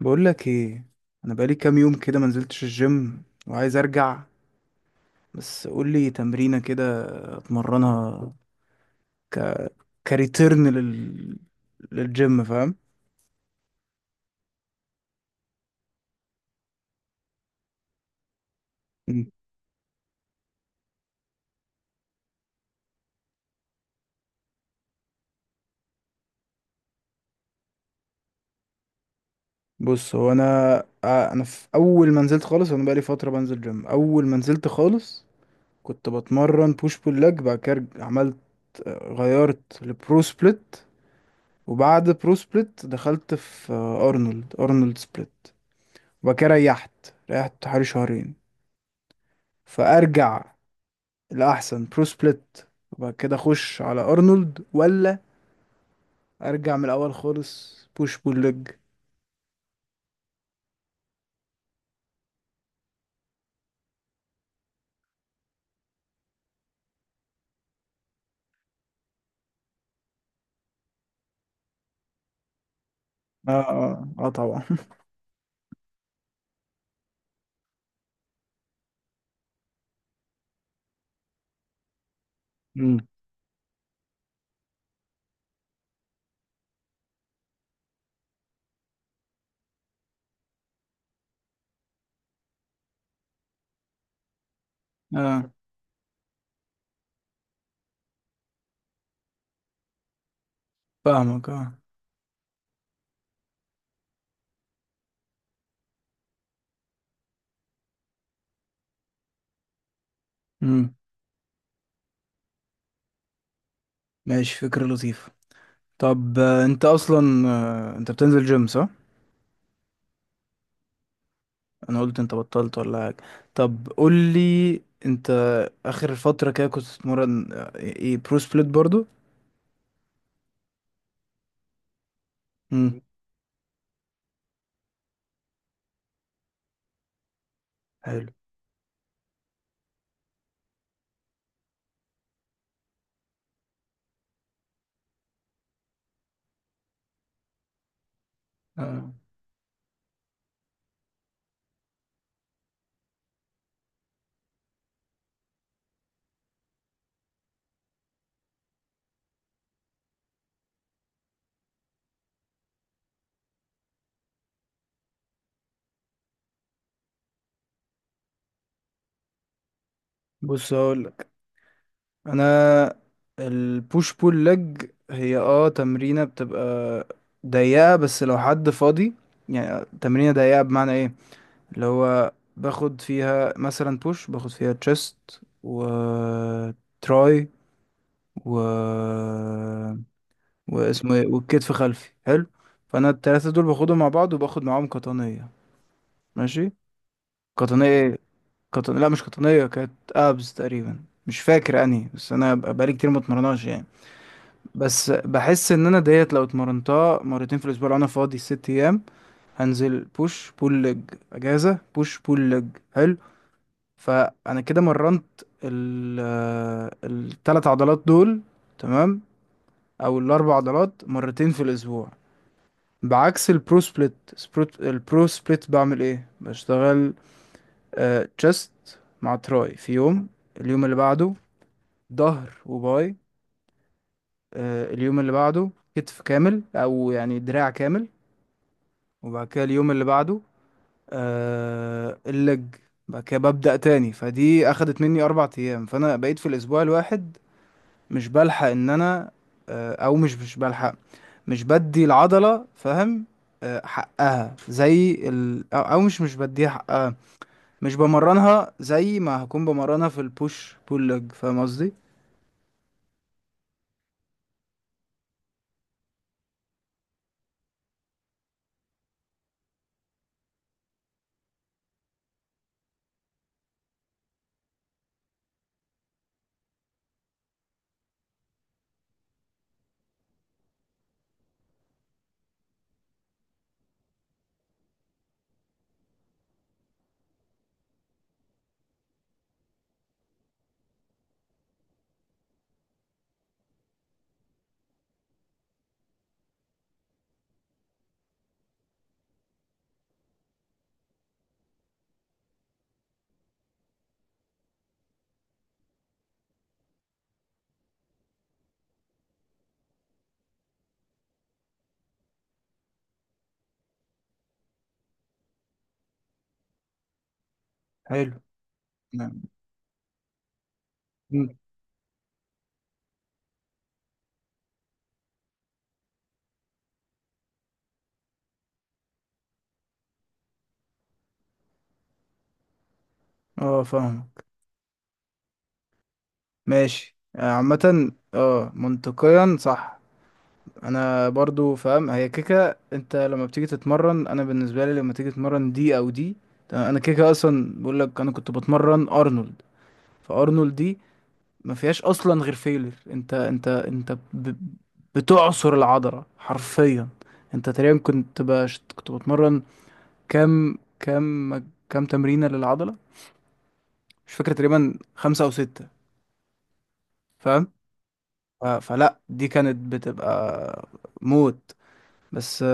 بقول لك ايه؟ انا بقالي كام يوم كده ما نزلتش الجيم وعايز ارجع، بس قول لي تمرينه كده اتمرنها. ك كريتيرن لل للجيم. فاهم؟ مم. بص هو انا. انا في اول ما نزلت خالص، انا بقالي فتره بنزل جيم. اول ما نزلت خالص كنت بتمرن بوش بول لج، بعد كده عملت، غيرت لبرو سبليت. وبعد برو سبليت دخلت في ارنولد، ارنولد سبليت. وبعد كده ريحت حوالي شهرين. فارجع لاحسن برو سبليت وبعد كده اخش على ارنولد، ولا ارجع من الاول خالص بوش بول ليج؟ اه اه اه طبعا. امم. اه فاهمك. اه. امم. ماشي، فكرة لطيفة. طب انت اصلا، انت بتنزل جيم صح؟ انا قلت انت بطلت ولا حاجة. طب قول لي، انت اخر فترة كده كنت بتتمرن ايه، برو سبليت برضو؟ امم. حلو. آه. بص هقول. انا البوش بول لج هي اه تمرينة بتبقى ضيقة بس لو حد فاضي. يعني تمرينة ضيقة بمعنى ايه؟ اللي هو باخد فيها مثلا بوش، باخد فيها تشيست و تراي و واسمه ايه، والكتف خلفي. حلو، فانا التلاتة دول باخدهم مع بعض وباخد معاهم قطنية. ماشي، قطنية ايه؟ لا مش قطنية، كانت ابز تقريبا، مش فاكر انهي، بس انا بقالي كتير ما اتمرناش يعني. بس بحس ان انا ديت لو اتمرنتها مرتين في الاسبوع لو انا فاضي ست ايام، هنزل بوش بول لج، اجازه، بوش بول لج. حلو، فانا كده مرنت ال الثلاث عضلات دول، تمام، او الاربع عضلات مرتين في الاسبوع. بعكس البرو سبليت، سبروت، البرو سبليت بعمل ايه، بشتغل تشست مع تراي في يوم، اليوم اللي بعده ظهر وباي، اليوم اللي بعده كتف كامل او يعني دراع كامل، وبعد كده اليوم اللي بعده آه اللج. بعد كده ببدأ تاني، فدي أخدت مني أربع أيام، فأنا بقيت في الأسبوع الواحد مش بلحق إن أنا، آه أو مش بلحق، مش بدي العضلة فاهم؟ آه حقها زي ال، أو أو مش بديها حقها، مش بمرنها زي ما هكون بمرنها في البوش بول لج، فاهم قصدي؟ حلو. نعم. مم. اه فاهمك، ماشي. عامة اه منطقيا صح. انا برضو فاهم، هي كيكه، انت لما بتيجي تتمرن، انا بالنسبه لي لما تيجي تتمرن دي او دي تمام، انا كيكه اصلا بقول لك انا كنت بتمرن ارنولد، فارنولد دي ما فيهاش اصلا غير فيلر، انت انت بتعصر العضله حرفيا. انت تقريبا كنت باش كنت بتمرن كام، كام، كام تمرينه للعضله؟ مش فاكر، تقريبا خمسة او ستة، فاهم؟ فلا دي كانت بتبقى موت. بس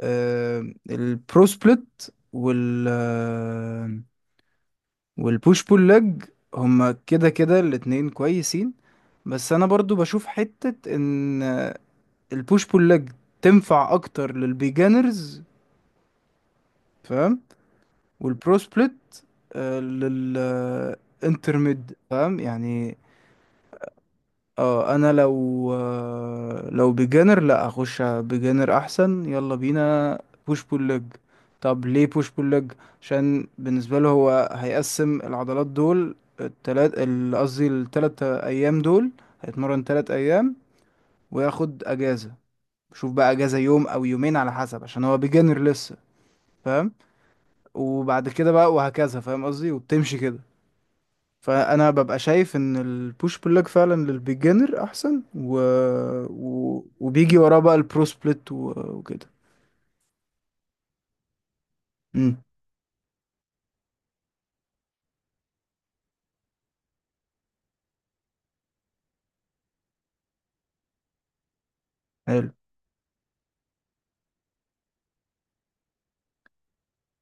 البرو سبليت وال آه، والبوش بول ليج هما كده كده الاتنين كويسين. بس انا برضو بشوف حتة ان البوش بول ليج تنفع اكتر للبيجانرز فاهم، والبرو سبليت للانترميد، فاهم يعني؟ اه انا لو لو بيجانر، لا اخش بيجانر احسن، يلا بينا بوش بول ليج. طب ليه بوش بول ليج؟ عشان بالنسبه له هو هيقسم العضلات دول، التلات قصدي التلات ايام دول، هيتمرن تلات ايام وياخد اجازه. شوف بقى، اجازه يوم او يومين على حسب عشان هو بيجانر لسه فاهم، وبعد كده بقى وهكذا، فاهم قصدي، وبتمشي كده. فانا ببقى شايف ان البوش بول ليج فعلا للبيجنر احسن، و وبيجي وراه بقى البرو سبليت وكده. امم. حلو.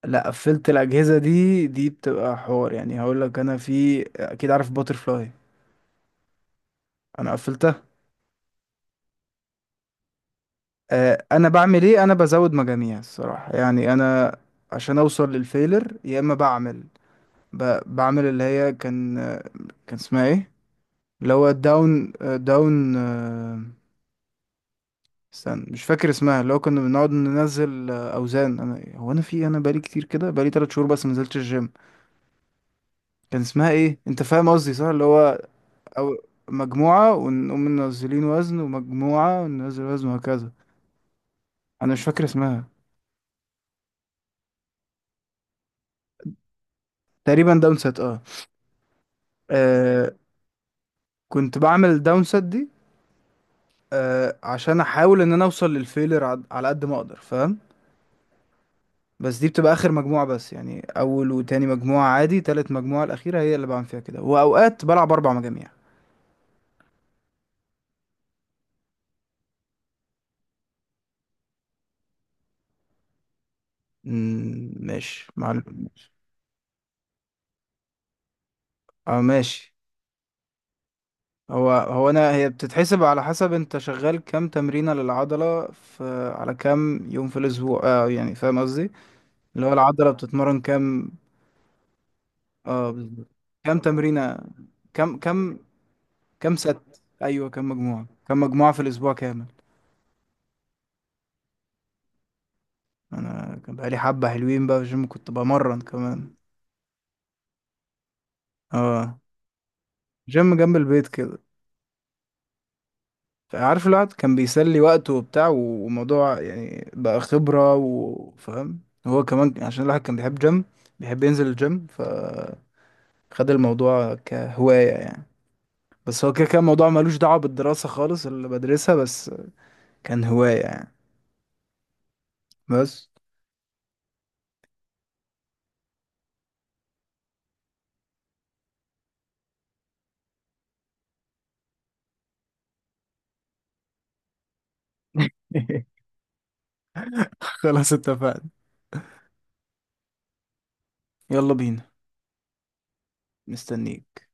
لا قفلت الاجهزه دي، دي بتبقى حوار، يعني هقول لك انا في اكيد عارف باتر فلاي، انا قفلتها. انا بعمل ايه، انا بزود مجاميع الصراحه يعني، انا عشان اوصل للفيلر، يا اما بعمل بعمل اللي هي كان، كان اسمها ايه، اللي هو داون استنى مش فاكر اسمها، اللي هو كنا بنقعد ننزل اوزان. انا هو انا في انا بقالي كتير كده، بقالي تلات شهور بس ما نزلتش الجيم. كان اسمها ايه، انت فاهم قصدي صح، اللي هو او مجموعة ونقوم منزلين وزن ومجموعة وننزل وزن وهكذا. انا مش فاكر اسمها. تقريبا داون سات اه. آه. كنت بعمل داون سات دي آه عشان احاول ان انا اوصل للفيلر على قد ما اقدر فاهم. بس دي بتبقى اخر مجموعة بس، يعني اول وتاني مجموعة عادي، تالت مجموعة الاخيرة هي اللي بعمل فيها كده، واوقات بلعب اربع مجاميع. مم، ماشي معلم. اه ماشي. هو هو انا هي بتتحسب على حسب انت شغال كام تمرينة للعضلة في، على كام يوم في الاسبوع اه، يعني فاهم قصدي، اللي هو العضلة بتتمرن كام. اه بالظبط، كام تمرينة، كام كام ست، ايوه كام مجموعة، كام مجموعة في الاسبوع كامل. انا كان بقالي حبة حلوين بقى في الجيم كنت بمرن كمان. اه، جيم جنب البيت كده، فعارف الواحد كان بيسلي وقته وبتاع، وموضوع يعني بقى خبرة وفاهم. هو كمان عشان الواحد كان بيحب جيم، بيحب ينزل الجيم، فخد الموضوع كهواية يعني. بس هو كده كان موضوع ملوش دعوة بالدراسة خالص اللي بدرسها، بس كان هواية يعني. بس. خلاص، اتفقنا. يلا بينا. مستنيك.